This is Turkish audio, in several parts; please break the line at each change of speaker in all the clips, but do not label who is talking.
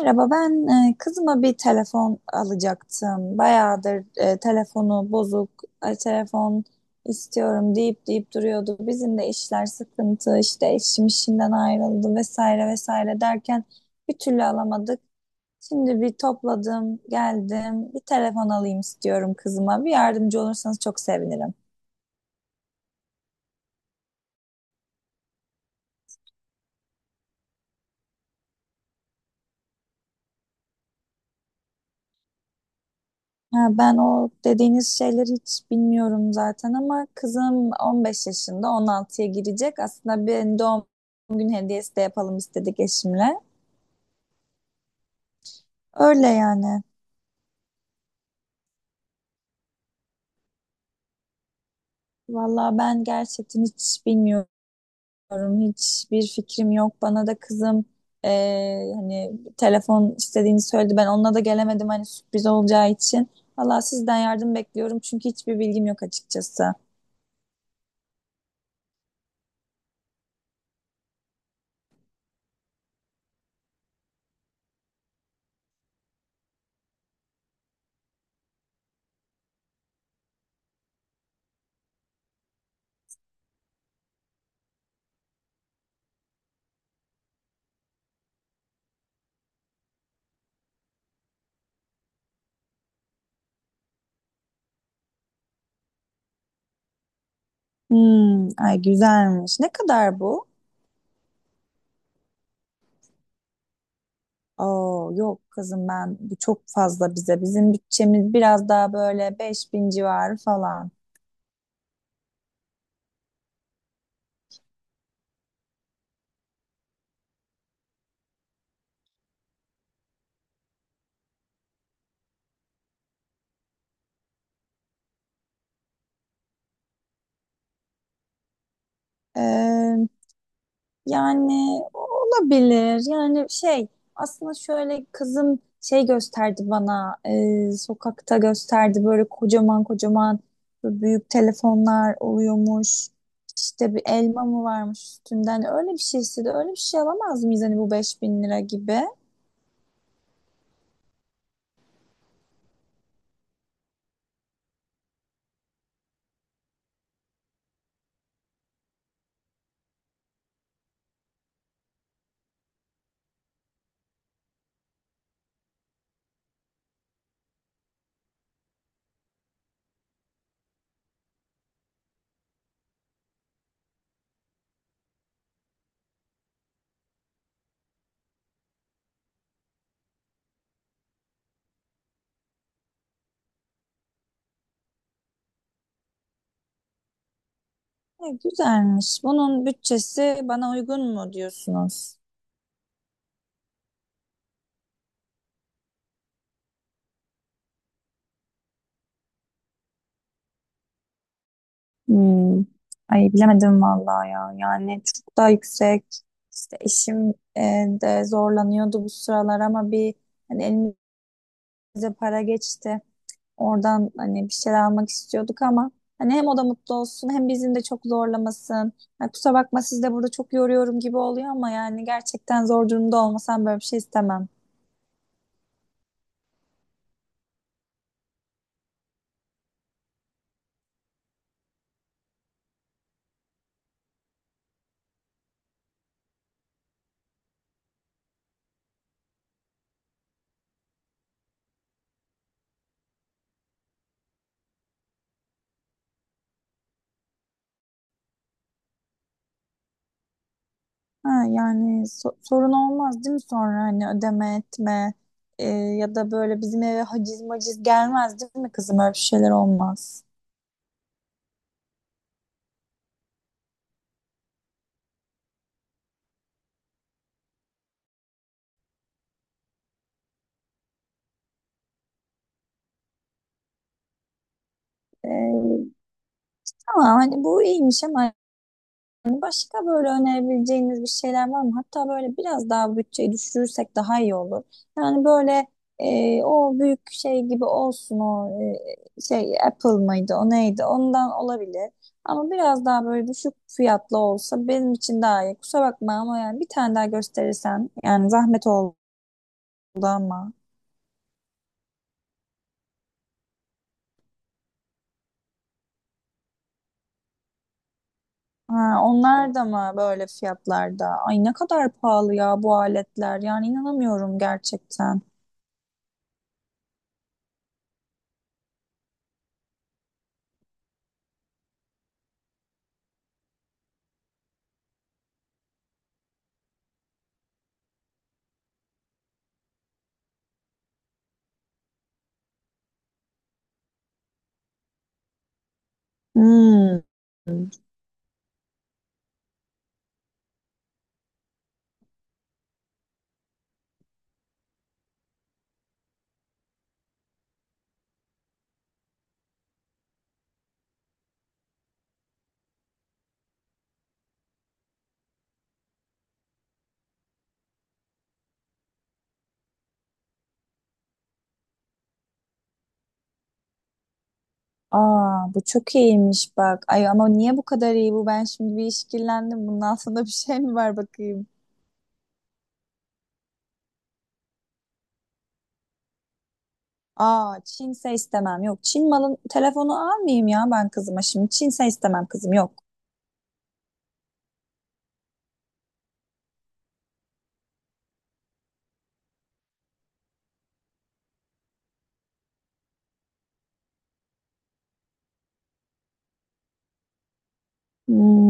Merhaba, ben kızıma bir telefon alacaktım. Bayağıdır telefonu bozuk, telefon istiyorum deyip duruyordu. Bizim de işler sıkıntı, işte eşim işinden ayrıldı vesaire vesaire derken bir türlü alamadık. Şimdi bir topladım, geldim, bir telefon alayım istiyorum kızıma. Bir yardımcı olursanız çok sevinirim. Ha, ben o dediğiniz şeyleri hiç bilmiyorum zaten ama kızım 15 yaşında 16'ya girecek. Aslında bir doğum gün hediyesi de yapalım istedik eşimle. Öyle yani. Vallahi ben gerçekten hiç bilmiyorum. Bilmiyorum, hiçbir fikrim yok. Bana da kızım hani telefon istediğini söyledi. Ben onunla da gelemedim hani sürpriz olacağı için. Valla sizden yardım bekliyorum çünkü hiçbir bilgim yok açıkçası. Hmm, ay güzelmiş. Ne kadar bu? Oo, yok kızım ben bu çok fazla bize. Bizim bütçemiz biraz daha böyle 5000 civarı falan. Ee, yani olabilir. Yani şey aslında şöyle kızım şey gösterdi bana, sokakta gösterdi böyle kocaman kocaman böyle büyük telefonlar oluyormuş. İşte bir elma mı varmış üstünden öyle bir şeyse de öyle bir şey alamaz mıyız hani bu 5000 lira gibi? E, güzelmiş. Bunun bütçesi bana uygun mu diyorsunuz? Hmm. Ay bilemedim vallahi ya. Yani çok daha yüksek. İşte eşim de zorlanıyordu bu sıralar ama bir hani elimize para geçti. Oradan hani bir şeyler almak istiyorduk ama hani hem o da mutlu olsun hem bizim de çok zorlamasın. Ya kusura bakma, siz de burada çok yoruyorum gibi oluyor ama yani gerçekten zor durumda olmasam böyle bir şey istemem. Ha, yani sorun olmaz değil mi sonra hani ödeme etme, ya da böyle bizim eve haciz maciz gelmez değil mi kızım, öyle bir şeyler olmaz. E, tamam, hani bu iyiymiş ama hani başka böyle önerebileceğiniz bir şeyler var mı? Hatta böyle biraz daha bütçeyi düşürürsek daha iyi olur. Yani böyle o büyük şey gibi olsun, o şey Apple mıydı o neydi, ondan olabilir. Ama biraz daha böyle düşük fiyatlı olsa benim için daha iyi. Kusura bakma ama yani bir tane daha gösterirsen, yani zahmet oldu ama. Ha, onlar da mı böyle fiyatlarda? Ay ne kadar pahalı ya bu aletler. Yani inanamıyorum gerçekten. Hmm. Aa, bu çok iyiymiş bak. Ay ama niye bu kadar iyi bu? Ben şimdi bir işkillendim. Bunun altında bir şey mi var bakayım? Aa, Çinse istemem. Yok, Çin malın telefonu almayayım ya ben kızıma şimdi. Çinse istemem kızım, yok. Hmm.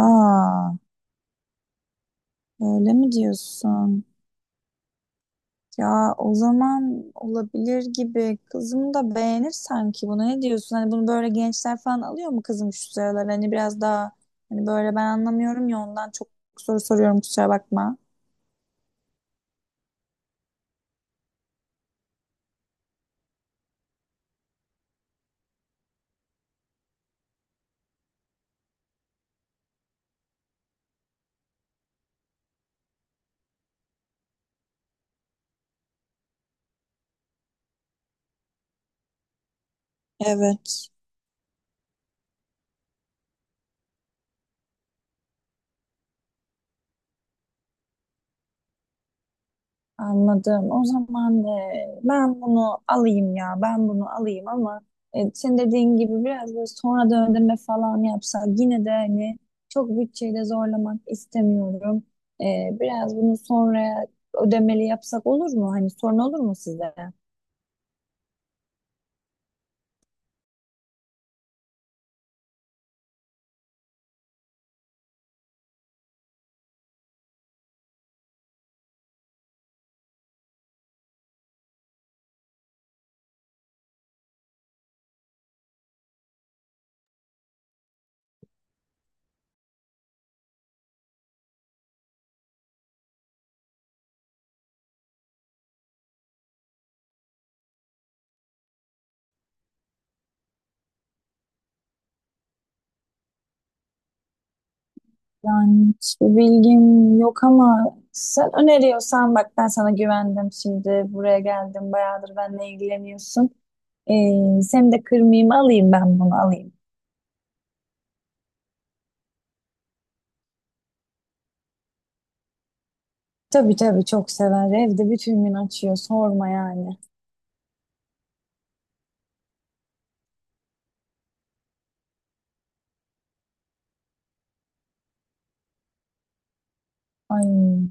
Aa, öyle mi diyorsun? Ya o zaman olabilir gibi. Kızım da beğenir sanki bunu. Ne diyorsun? Hani bunu böyle gençler falan alıyor mu kızım şu sıralar? Hani biraz daha hani böyle ben anlamıyorum ya, ondan çok soru soruyorum, kusura bakma. Evet. Anladım. O zaman ben bunu alayım ya. Ben bunu alayım ama, senin dediğin gibi biraz böyle sonradan ödeme falan yapsak, yine de hani çok bütçeyi de zorlamak istemiyorum. E, biraz bunu sonra ödemeli yapsak olur mu? Hani sorun olur mu size? Yani hiçbir bilgim yok ama sen öneriyorsan, bak ben sana güvendim, şimdi buraya geldim, bayağıdır benle ilgileniyorsun. Seni de kırmayayım, alayım, ben bunu alayım. Tabii tabii, çok sever, evde bütün gün açıyor, sorma yani. Ay.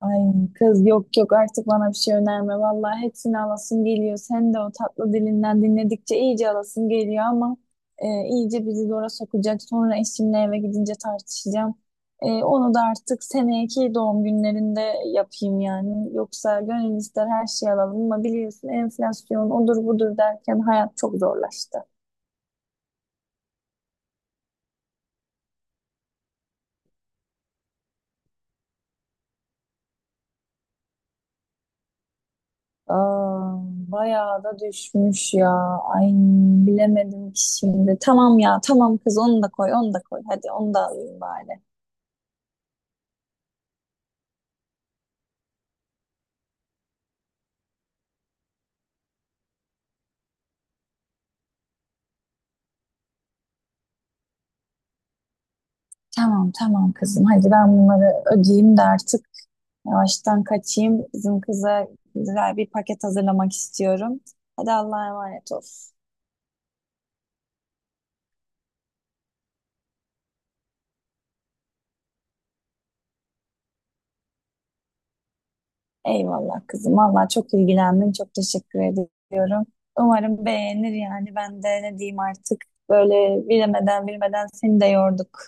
Ay kız, yok yok, artık bana bir şey önerme. Vallahi hepsini alasım geliyor. Sen de o tatlı dilinden dinledikçe iyice alasım geliyor ama iyice bizi zora sokacak. Sonra eşimle eve gidince tartışacağım. E, onu da artık seneki doğum günlerinde yapayım yani. Yoksa gönül ister her şeyi alalım ama biliyorsun, enflasyon odur budur derken hayat çok zorlaştı. Aa, bayağı da düşmüş ya. Ay bilemedim ki şimdi. Tamam ya tamam kız, onu da koy, onu da koy. Hadi onu da alayım bari. Tamam tamam kızım, hadi ben bunları ödeyeyim de artık yavaştan kaçayım. Bizim kıza güzel bir paket hazırlamak istiyorum. Hadi Allah'a emanet ol. Eyvallah kızım. Vallahi çok ilgilendin. Çok teşekkür ediyorum. Umarım beğenir yani. Ben de ne diyeyim artık. Böyle bilemeden bilmeden seni de yorduk.